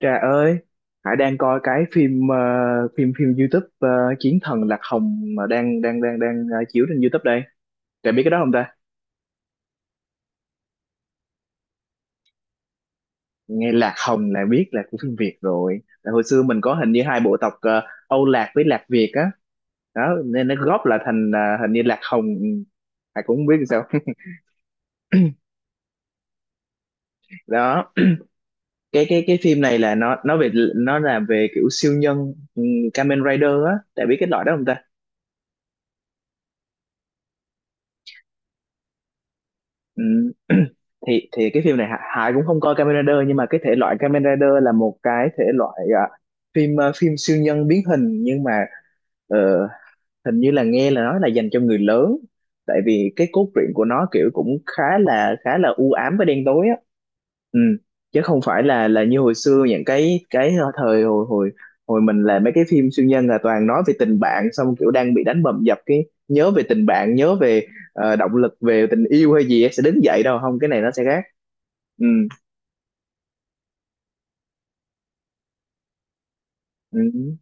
Trà ơi, Hải đang coi cái phim phim phim YouTube, Chiến thần Lạc Hồng mà đang đang đang đang ờ, chiếu trên YouTube đây. Trà biết cái đó không ta? Nghe Lạc Hồng là biết là của phim Việt rồi. Tại hồi xưa mình có hình như hai bộ tộc, Âu Lạc với Lạc Việt á. Đó, nên nó góp lại thành, hình như Lạc Hồng. Ừ, Hải cũng không biết sao. Đó, cái phim này là nó là về kiểu siêu nhân, ừ, Kamen Rider á. Trà biết cái loại đó không ta? Ừm, thì cái phim này Hải cũng không coi Kamen Rider, nhưng mà cái thể loại Kamen Rider là một cái thể loại, à, phim, à, phim siêu nhân biến hình. Nhưng mà ờ, hình như là nghe là nói là dành cho người lớn, tại vì cái cốt truyện của nó kiểu cũng khá là u ám và đen tối á. Ừ, chứ không phải là như hồi xưa, những cái thời hồi hồi hồi mình làm mấy cái phim siêu nhân là toàn nói về tình bạn, xong kiểu đang bị đánh bầm dập cái nhớ về tình bạn, nhớ về, động lực về tình yêu hay gì á, sẽ đứng dậy. Đâu không, cái này nó sẽ khác. Ừ. Ừ.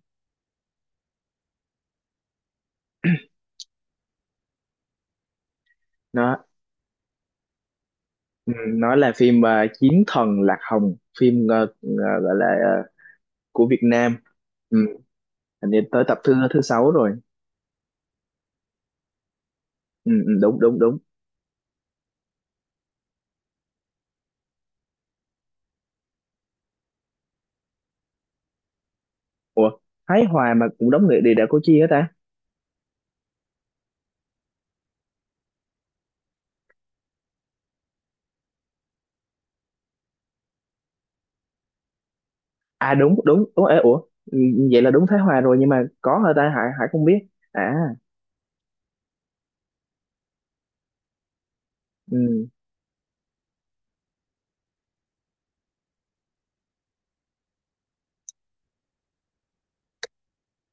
Nó, ừ, nó là phim, Chiến thần Lạc Hồng, phim gọi là, của Việt Nam. Ừ. Hình như tới tập thứ thứ 6 rồi. Ừ, ừ, đúng đúng đúng. Ủa, Thái Hòa mà cũng đóng người địa đạo Củ Chi hả ta? À, đúng đúng. Ủa ê, ủa ừ, vậy là đúng Thái Hòa rồi, nhưng mà có hả ta? Hải Hải không biết. À, ừ,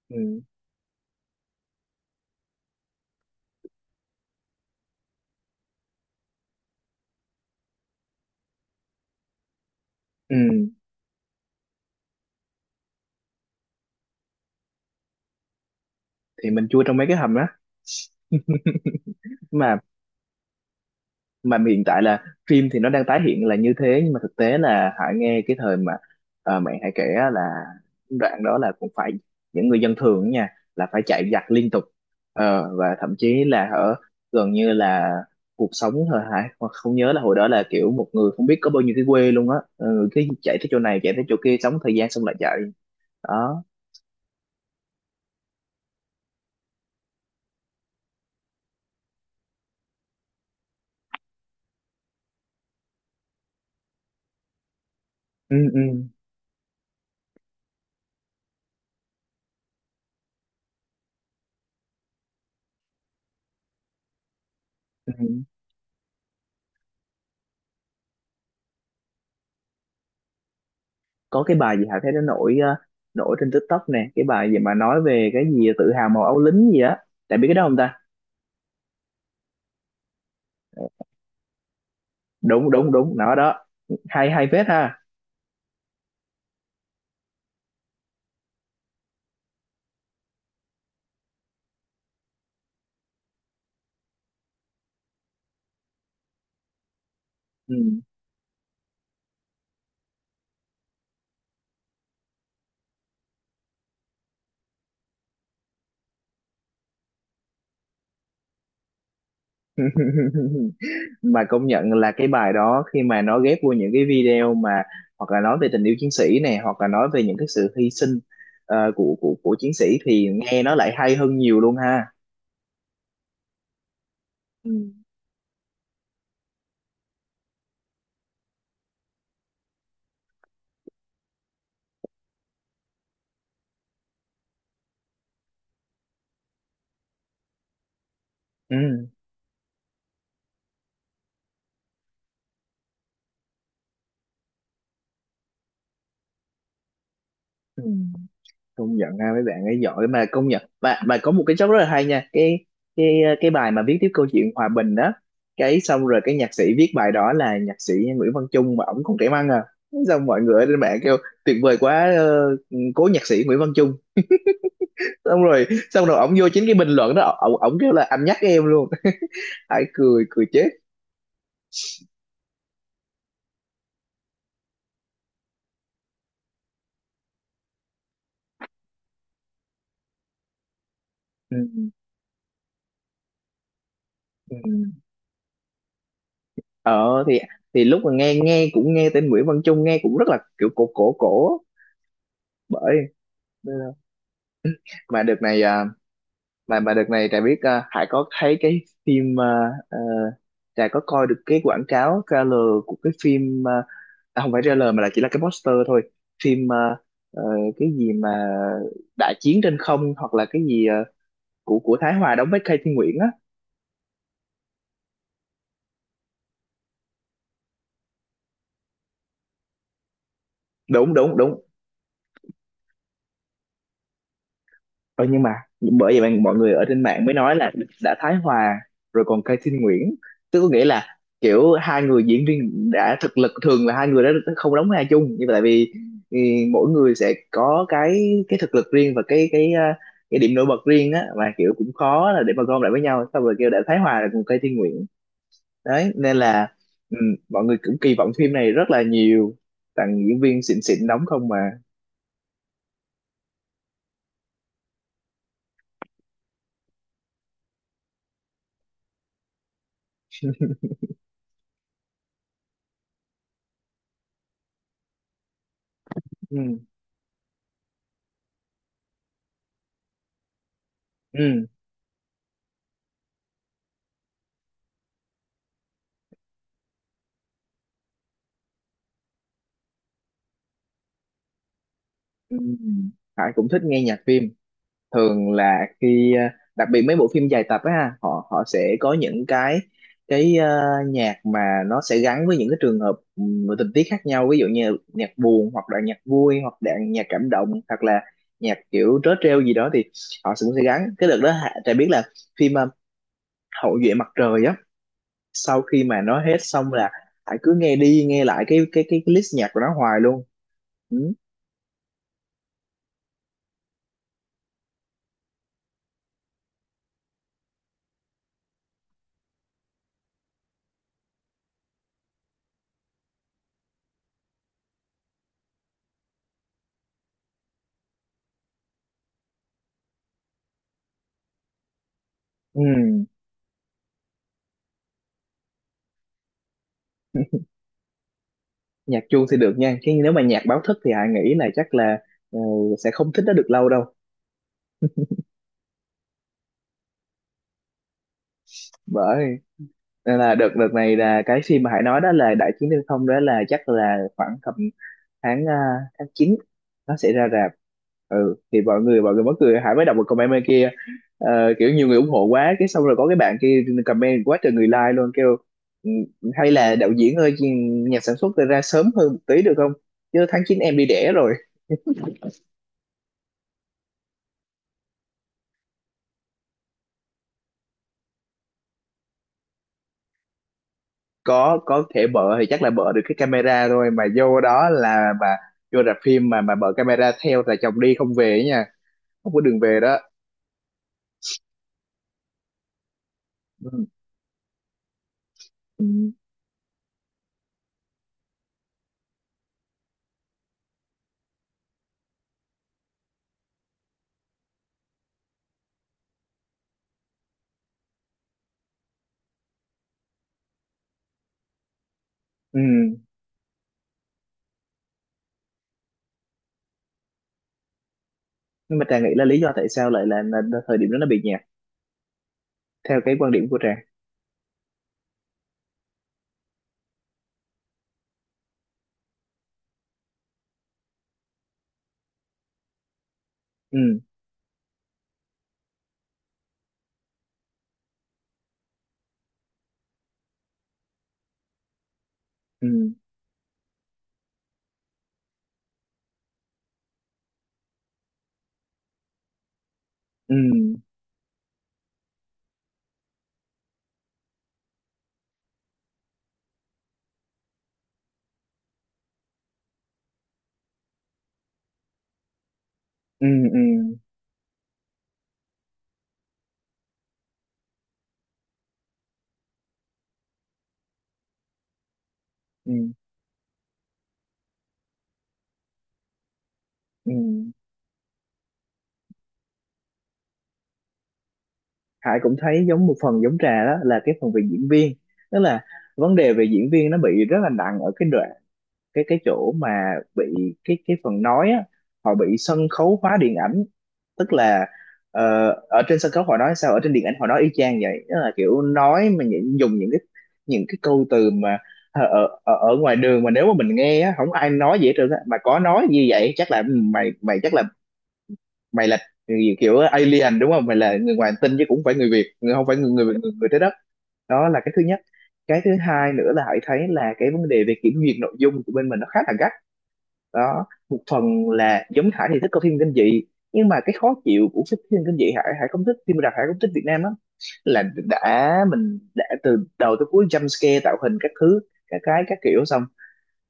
ừ, ừ. Thì mình chui trong mấy cái hầm đó. mà mà hiện tại là phim thì nó đang tái hiện là như thế, nhưng mà thực tế là Hải nghe cái thời mà, mẹ Hải kể á, là đoạn đó là cũng phải, những người dân thường á nha, là phải chạy giặc liên tục. Ờ, và thậm chí là ở gần như là cuộc sống thôi. Hải hoặc không nhớ là hồi đó là kiểu một người không biết có bao nhiêu cái quê luôn á. Ừ, cái chạy tới chỗ này chạy tới chỗ kia sống thời gian xong lại chạy. Đó. Ừ, ừ, ừ. Có cái bài gì Hà thấy nó nổi, nổi trên TikTok nè, cái bài gì mà nói về cái gì tự hào màu áo lính gì á. Tại biết cái đó không ta? Đúng đúng đúng, nó đó. Hay, hay phết ha. Ừ. Mà công nhận là cái bài đó khi mà nó ghép vô những cái video mà hoặc là nói về tình yêu chiến sĩ này, hoặc là nói về những cái sự hy sinh, của chiến sĩ, thì nghe nó lại hay hơn nhiều luôn ha. Ừ. Ừ. Công nhận ha, mấy bạn ấy giỏi. Mà công nhận mà có một cái job rất là hay nha, cái cái bài mà viết tiếp câu chuyện hòa bình đó. Cái xong rồi cái nhạc sĩ viết bài đó là nhạc sĩ Nguyễn Văn Chung, mà ổng còn trẻ măng à. Xong mọi người ở trên mạng kêu tuyệt vời quá, cố nhạc sĩ Nguyễn Văn Chung. Xong rồi xong rồi ổng vô chính cái bình luận đó, ổng ổng kêu là anh nhắc em luôn. Hãy cười, cười chết. Ừ. Ừ. Ờ thì lúc mà nghe, nghe cũng nghe tên Nguyễn Văn Chung nghe cũng rất là kiểu cổ cổ cổ. Bởi mà đợt này à, mà đợt này Trà biết, Hải có thấy cái phim, ờ, Trà có coi được cái quảng cáo trailer của cái phim, à, không phải trailer mà là chỉ là cái poster thôi, phim ờ, cái gì mà đại chiến trên không, hoặc là cái gì, của Thái Hòa đóng với Cây Thiên Nguyễn á. Đúng đúng đúng. Ờ, nhưng mà bởi vậy mà mọi người ở trên mạng mới nói là đã Thái Hòa rồi còn Cây Thiên Nguyễn, tức có nghĩa là kiểu hai người diễn viên đã thực lực, thường là hai người đó không đóng vai chung, nhưng mà tại vì, ừ, mỗi người sẽ có cái thực lực riêng và cái điểm nổi bật riêng á, mà kiểu cũng khó là để mà gom lại với nhau, xong rồi kêu đã Thái Hòa rồi còn Cây Thiên Nguyễn. Đấy, nên là, ừ, mọi người cũng kỳ vọng phim này rất là nhiều, toàn diễn viên xịn xịn đóng không mà. Ừ ừ, ừ. Hải cũng thích nghe nhạc phim. Thường là khi, đặc biệt mấy bộ phim dài tập á ha, họ họ sẽ có những cái cái ờ, nhạc mà nó sẽ gắn với những cái trường hợp, và tình tiết khác nhau, ví dụ như nhạc buồn hoặc là nhạc vui hoặc là nhạc cảm động hoặc là nhạc kiểu trớ trêu gì đó, thì họ cũng sẽ gắn. Cái đợt đó Trà biết là phim, Hậu duệ mặt trời á, sau khi mà nó hết xong là Hải cứ nghe đi nghe lại cái list nhạc của nó hoài luôn. Ừ. Ừ. Nhạc chuông thì được nha, chứ nếu mà nhạc báo thức thì Hải nghĩ là chắc là, ờ, sẽ không thích nó được lâu đâu. Bởi nên là đợt đợt này là cái phim mà Hải nói đó là Đại Chiến Thiên Không đó, là chắc là khoảng tầm tháng, à, tháng 9 nó sẽ ra rạp. Ừ thì mọi người mắc cười, Hải mới đọc một comment bên kia, kiểu nhiều người ủng hộ quá, cái xong rồi có cái bạn kia comment quá trời người like luôn, kêu: "Ừ, hay là đạo diễn ơi, nhà sản xuất ra sớm hơn một tí được không, chứ tháng 9 em đi đẻ rồi." Có thể bợ thì chắc là bợ được cái camera thôi, mà vô đó là mà vô rạp phim mà bợ camera theo là chồng đi không về ấy nha, không có đường về đó. Ừ. Ừ. Ừ. Nhưng mà Trà nghĩ là lý do tại sao lại là, là thời điểm đó nó bị nhạt, theo cái quan điểm của Trà. Ừ. Ừ. Ừ. Ừ. Ừ. Ừ. Ừ. Ừ. Hải cũng thấy giống một phần giống Trà, đó là cái phần về diễn viên. Tức là vấn đề về diễn viên nó bị rất là nặng ở cái đoạn, cái chỗ mà bị, cái phần nói á, họ bị sân khấu hóa điện ảnh. Tức là, ở trên sân khấu họ nói sao ở trên điện ảnh họ nói y chang vậy. Tức là kiểu nói mà những, dùng những cái, những cái câu từ mà ở, ở ngoài đường mà nếu mà mình nghe á không ai nói gì hết trơn á, mà có nói như vậy chắc là, ừ, mày mày chắc là mày là người kiểu alien đúng không, mày là người ngoài hành tinh, chứ cũng phải người Việt, người không phải người, người trái đất. Đó là cái thứ nhất. Cái thứ hai nữa là hãy thấy là cái vấn đề về kiểm duyệt nội dung của bên mình nó khá là gắt. Đó một phần là giống Hải thì thích coi phim kinh dị, nhưng mà cái khó chịu của cái phim kinh dị, Hải Hải không thích phim đặc, Hải không thích Việt Nam lắm, là đã mình đã từ đầu tới cuối jump scare, tạo hình các thứ, các cái các kiểu, xong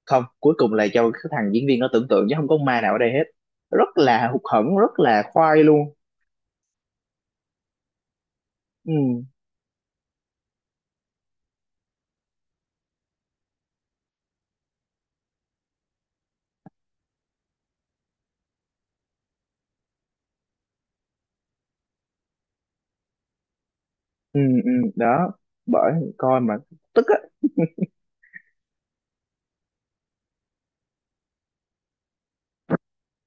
không cuối cùng là do cái thằng diễn viên nó tưởng tượng chứ không có ma nào ở đây hết. Rất là hụt hẫng, rất là khoai luôn. Ừ ừ ừ đó, bởi coi mà tức á.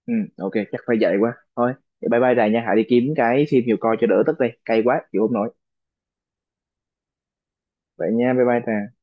Ừ ok, chắc phải vậy quá thôi. Vậy bye bye Trà nha, hãy đi kiếm cái phim nhiều coi cho đỡ tức đi, cay quá chịu không nổi. Vậy nha, bye bye Trà.